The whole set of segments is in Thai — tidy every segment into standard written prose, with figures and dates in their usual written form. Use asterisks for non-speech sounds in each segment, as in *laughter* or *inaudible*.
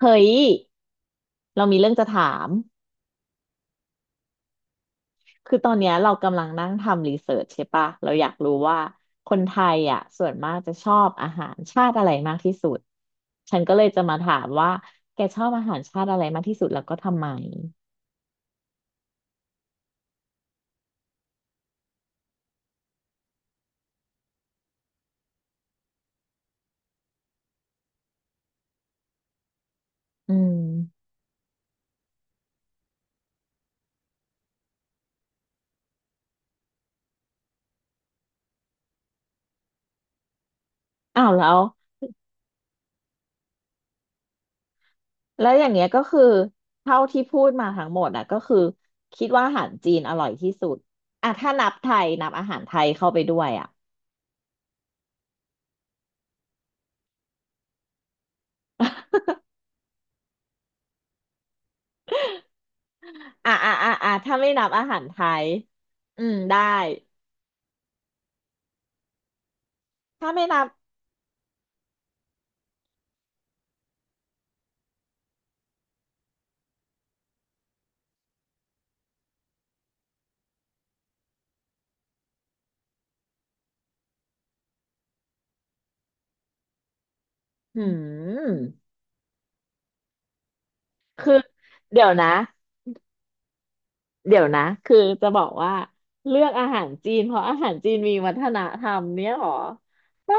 เฮ้ย เรามีเรื่องจะถาม คือตอนเนี้ยเรากำลังนั่งทำรีเสิร์ชใช่ปะเราอยากรู้ว่าคนไทยอ่ะส่วนมากจะชอบอาหารชาติอะไรมากที่สุด ฉันก็เลยจะมาถามว่า แกชอบอาหารชาติอะไรมากที่สุดแล้วก็ทำไมอืมอ้าวแล้ว แล้วอย่างเงี้ยก็คือเท่าที่พูดมาทั้งหมดอ่ะก็คือคิดว่าอาหารจีนอร่อยที่สุดอ่ะถ้านับไทยนับอาหารไทยเข้าไปด้วยอ่ะถ้าไม่นับอาหารไทยอืมได้ ถ้าไม่นับหืมเดี๋ยวนะเดี๋ยวนะคือจะบอกว่าเลือกอาหารจีนเพราะอาหารจีนมีวัฒนธรรมเนี่ยหรอบ้า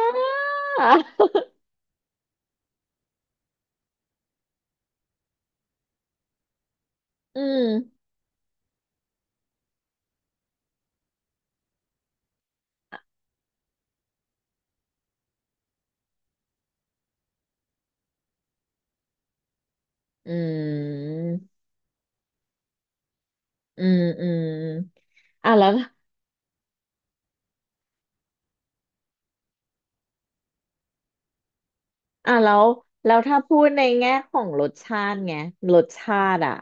*laughs* อืมอืมอืมอืมอ่ะแล้วอ่ะแล้วแล้วถ้าพูดในแง่ของรสชาติไงรสชาติอ่ะ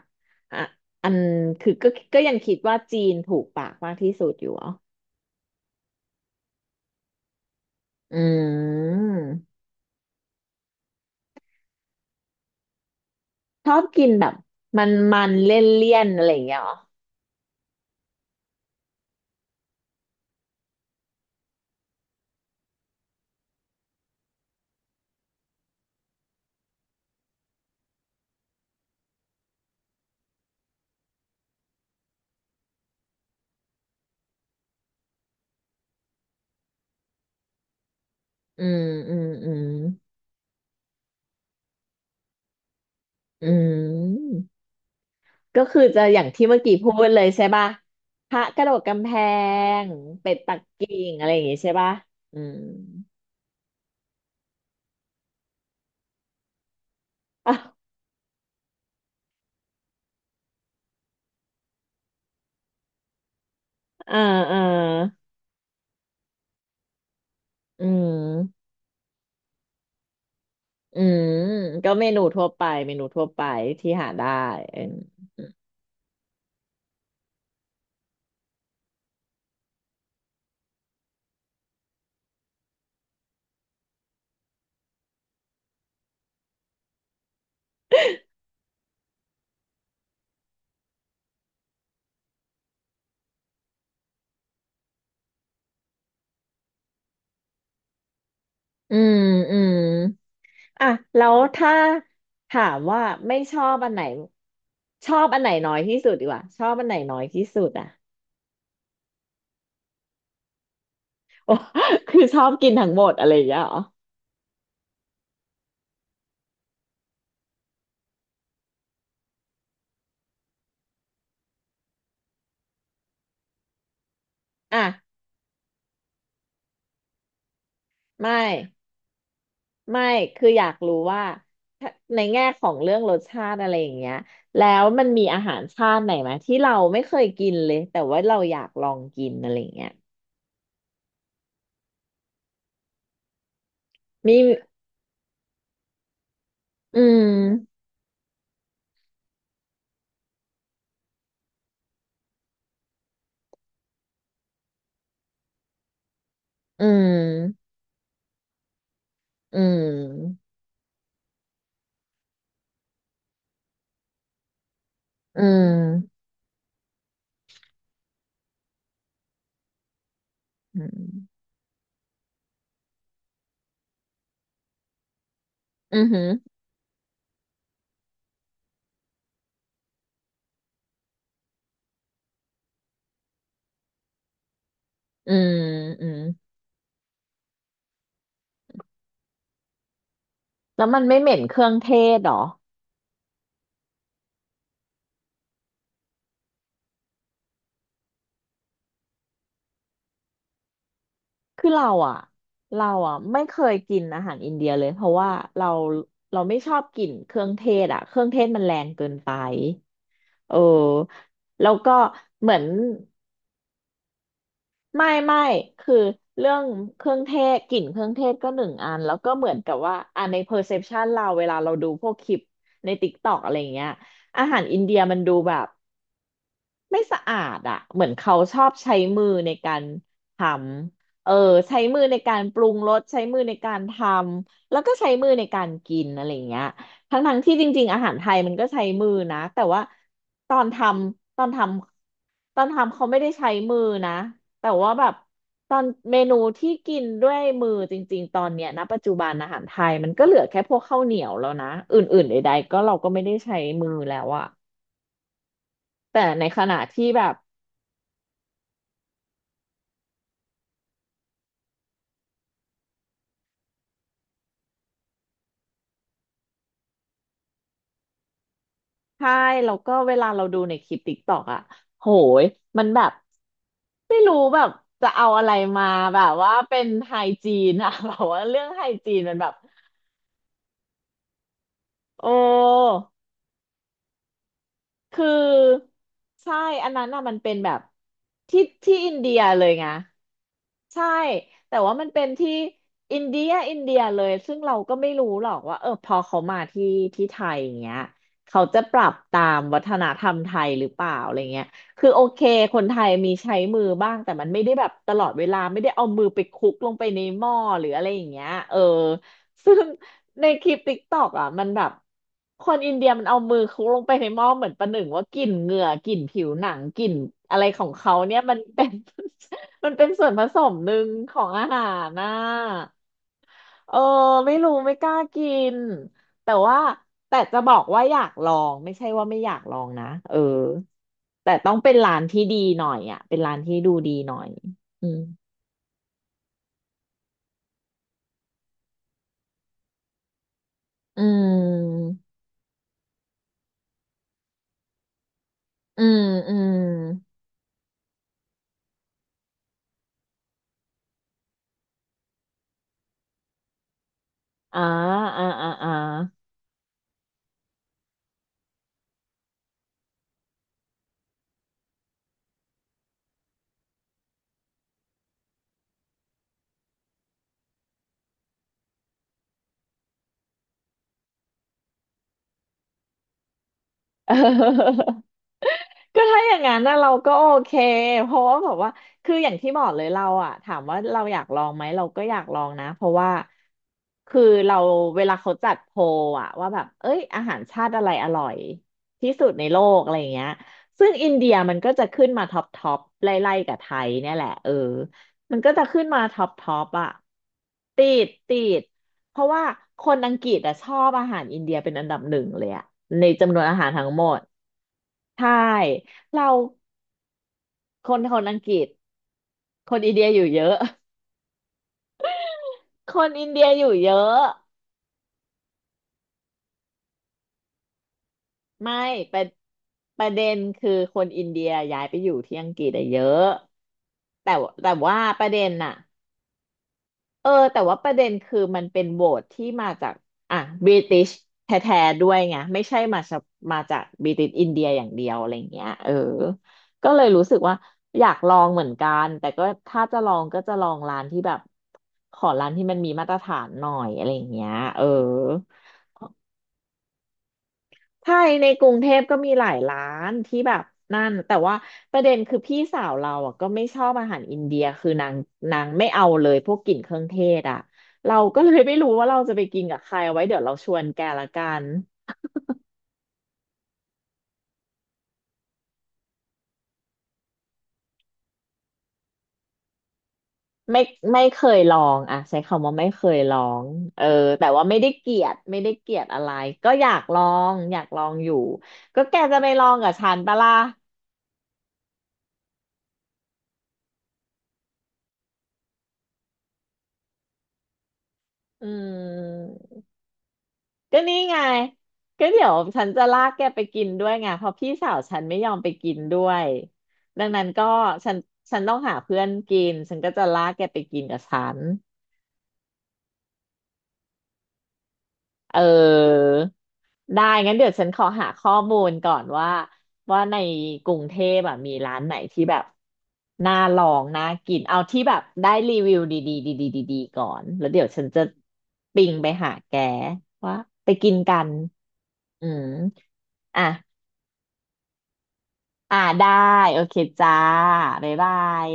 อ่ะอันคือก็ยังคิดว่าจีนถูกปากมากที่สุดอยู่เหรออืมชอบกินแบบมันเลี่ยนเลี่ยนอะไรอย่างเงี้ยเหรอ อืมอืมอืมอืมก็คือจะอย่างที่เมื่อกี้พูดเลยใช่ป่ะพระกระโดดกำแพงเป็ดปักกิ่งอะไรอย่างงี้ใช่ป่ะอืมอ่ะอ่าอาอืมอืมก็เมนูทั่วไปเมนูทั่วไปที่หาได้เอออืมอืมอ่ะแล้วถ้าถามว่าไม่ชอบอันไหนชอบอันไหนน้อยที่สุดดีกว่าชอบอันไหนน้อยที่สุดอ่ะโอ้ *laughs* คือชอบกินทั้งหมดอะไรอย่างเงี้ยเหรออ่ะ ไม่ไม่คืออยากรู้ว่าถ้าในแง่ของเรื่องรสชาติอะไรอย่างเงี้ยแล้วมันมีอาหารชาติไหนไหมที่เราไม่เคยกินเลยแต่ว่าเราอยากลองกินอะไรอย่างเงี้ยมีอืมอืมอืมอืมอืมอืมอหืออืมอืมแล้วมันไม่เหม็นเครื่องเทศเหรอคือเราอ่ะเราอ่ะไม่เคยกินอาหารอินเดียเลยเพราะว่าเราเราไม่ชอบกลิ่นเครื่องเทศอ่ะเครื่องเทศมันแรงเกินไป เออแล้วก็เหมือนไม่คือเรื่องเครื่องเทศกลิ่นเครื่องเทศก็หนึ่งอันแล้วก็เหมือนกับว่าอ่ะใน perception เราเวลาเราดูพวกคลิปใน TikTok อะไรอย่างเงี้ยอาหารอินเดียมันดูแบบ ไม่สะอาดอ่ะเหมือนเขาชอบใช้มือในการทำเออใช้มือในการปรุงรสใช้มือในการทำแล้วก็ใช้มือในการกินอะไรอย่างเงี้ยทั้งทั้งที่จริงๆอาหารไทยมันก็ใช้มือนะแต่ว่าตอนทำตอนทตอนทำเขาไม่ได้ใช้มือนะแต่ว่าแบบตอนเมนูที่กินด้วยมือจริงๆตอนเนี้ยนะปัจจุบันอาหารไทยมันก็เหลือแค่พวกข้าวเหนียวแล้วนะอื่นๆใดๆก็เราก็ไม่ได้ใช้มือแล้วอะแต่ในขณะที่แบบ ใช่แล้วก็เวลาเราดูในคลิปติ๊กตอกอะโหยมันแบบไม่รู้แบบจะเอาอะไรมาแบบว่าเป็นไฮจีนอะ *laughs* แบบว่าเรื่องไฮจีนมันแบบโอ้ คือใช่อันนั้นน่ะมันเป็นแบบที่ที่อินเดียเลยไงใช่แต่ว่ามันเป็นที่อินเดียอินเดียเลยซึ่งเราก็ไม่รู้หรอกว่าเออพอเขามาที่ที่ไทยอย่างเงี้ยเขาจะปรับตามวัฒนธรรมไทยหรือเปล่าอะไรเงี้ยคือโอเคคนไทยมีใช้มือบ้างแต่มันไม่ได้แบบตลอดเวลาไม่ได้เอามือไปคลุกลงไปในหม้อหรืออะไรอย่างเงี้ยเออซึ่ง ในคลิปติ๊กตอกอ่ะมันแบบคนอินเดียมันเอามือคลุกลงไปในหม้อเหมือนประหนึ่งว่ากลิ่นเหงื่อกลิ่นผิวหนังกลิ่นอะไรของเขาเนี่ยมันเป็น *laughs* มันเป็นส่วนผสมหนึ่งของอาหารน่ะเออไม่รู้ไม่กล้ากินแต่ว่าแต่จะบอกว่าอยากลองไม่ใช่ว่าไม่อยากลองนะเออแต่ต้องเป็นร้านที่ดีหน่อยอ่ะเป็นร้านที่ดูดีหน่อยอืมอืมอืมอืมอ่าอ่าอ่าอ่า *laughs* เออก็ถ้าอย่างนั้นนะเราก็โอเคเพราะว่าแบบว่าคืออย่างที่บอกเลยเราอะถามว่าเราอยากลองไหมเราก็อยากลองนะเพราะว่าคือเราเวลาเขาจัดโพลอะว่าแบบเอ้ยอาหารชาติอะไรอร่อยที่สุดในโลกอะไรอย่างเงี้ยซึ่งอินเดียมันก็จะขึ้นมาท็อปท็อปไล่ๆกับไทยเนี่ยแหละเออมันก็จะขึ้นมาท็อปท็อปอะติดติดเพราะว่าคนอังกฤษอะชอบอาหารอินเดียเป็นอันดับหนึ่งเลยอะในจำนวนอาหารทั้งหมด ใช่เราคนอังกฤษคนอินเดียอยู่เยอะ *laughs* คนอินเดียอยู่เยอะไม่ประประเด็นคือคนอินเดียย้ายไปอยู่ที่อังกฤษอะเยอะแต่ว่าประเด็นน่ะ เออแต่ว่าประเด็นคือมันเป็นโหวตที่มาจากอ่ะบริติชแท้ๆด้วยไงไม่ใช่มาจากบริติชอินเดียอย่างเดียวอะไรเงี้ยเออก็เลยรู้สึกว่าอยากลองเหมือนกันแต่ก็ถ้าจะลองก็จะลองร้านที่แบบขอร้านที่มันมีมาตรฐานหน่อยอะไรเงี้ยเออ ใช่ในกรุงเทพก็มีหลายร้านที่แบบนั่นแต่ว่าประเด็นคือพี่สาวเราอ่ะก็ไม่ชอบอาหารอินเดียคือนางนางไม่เอาเลยพวกกลิ่นเครื่องเทศอ่ะเราก็เลยไม่รู้ว่าเราจะไปกินกับใครเอาไว้เดี๋ยวเราชวนแกละกันไม่ไม่เคยลองอ่ะใช้คำว่าไม่เคยลองเออแต่ว่าไม่ได้เกลียดไม่ได้เกลียดอะไรก็อยากลองอยากลองอยู่ก็แกจะไปลองกับฉันปะล่ะอืม ก็นี่ไงก็เดี๋ยวฉันจะลากแกไปกินด้วยไงเพราะพี่สาวฉันไม่ยอมไปกินด้วยดังนั้นก็ฉันฉันต้องหาเพื่อนกินฉันก็จะลากแกไปกินกับฉันเออได้งั้นเดี๋ยวฉันขอหาข้อมูลก่อนว่าว่าในกรุงเทพแบบมีร้านไหนที่แบบน่าลองน่ากินเอาที่แบบได้รีวิวดีๆดีๆดีๆก่อนแล้วเดี๋ยวฉันจะปิงไปหาแกว่าไปกินกันอืมอ่ะ อ่าได้โอเคจ้าบ๊ายบาย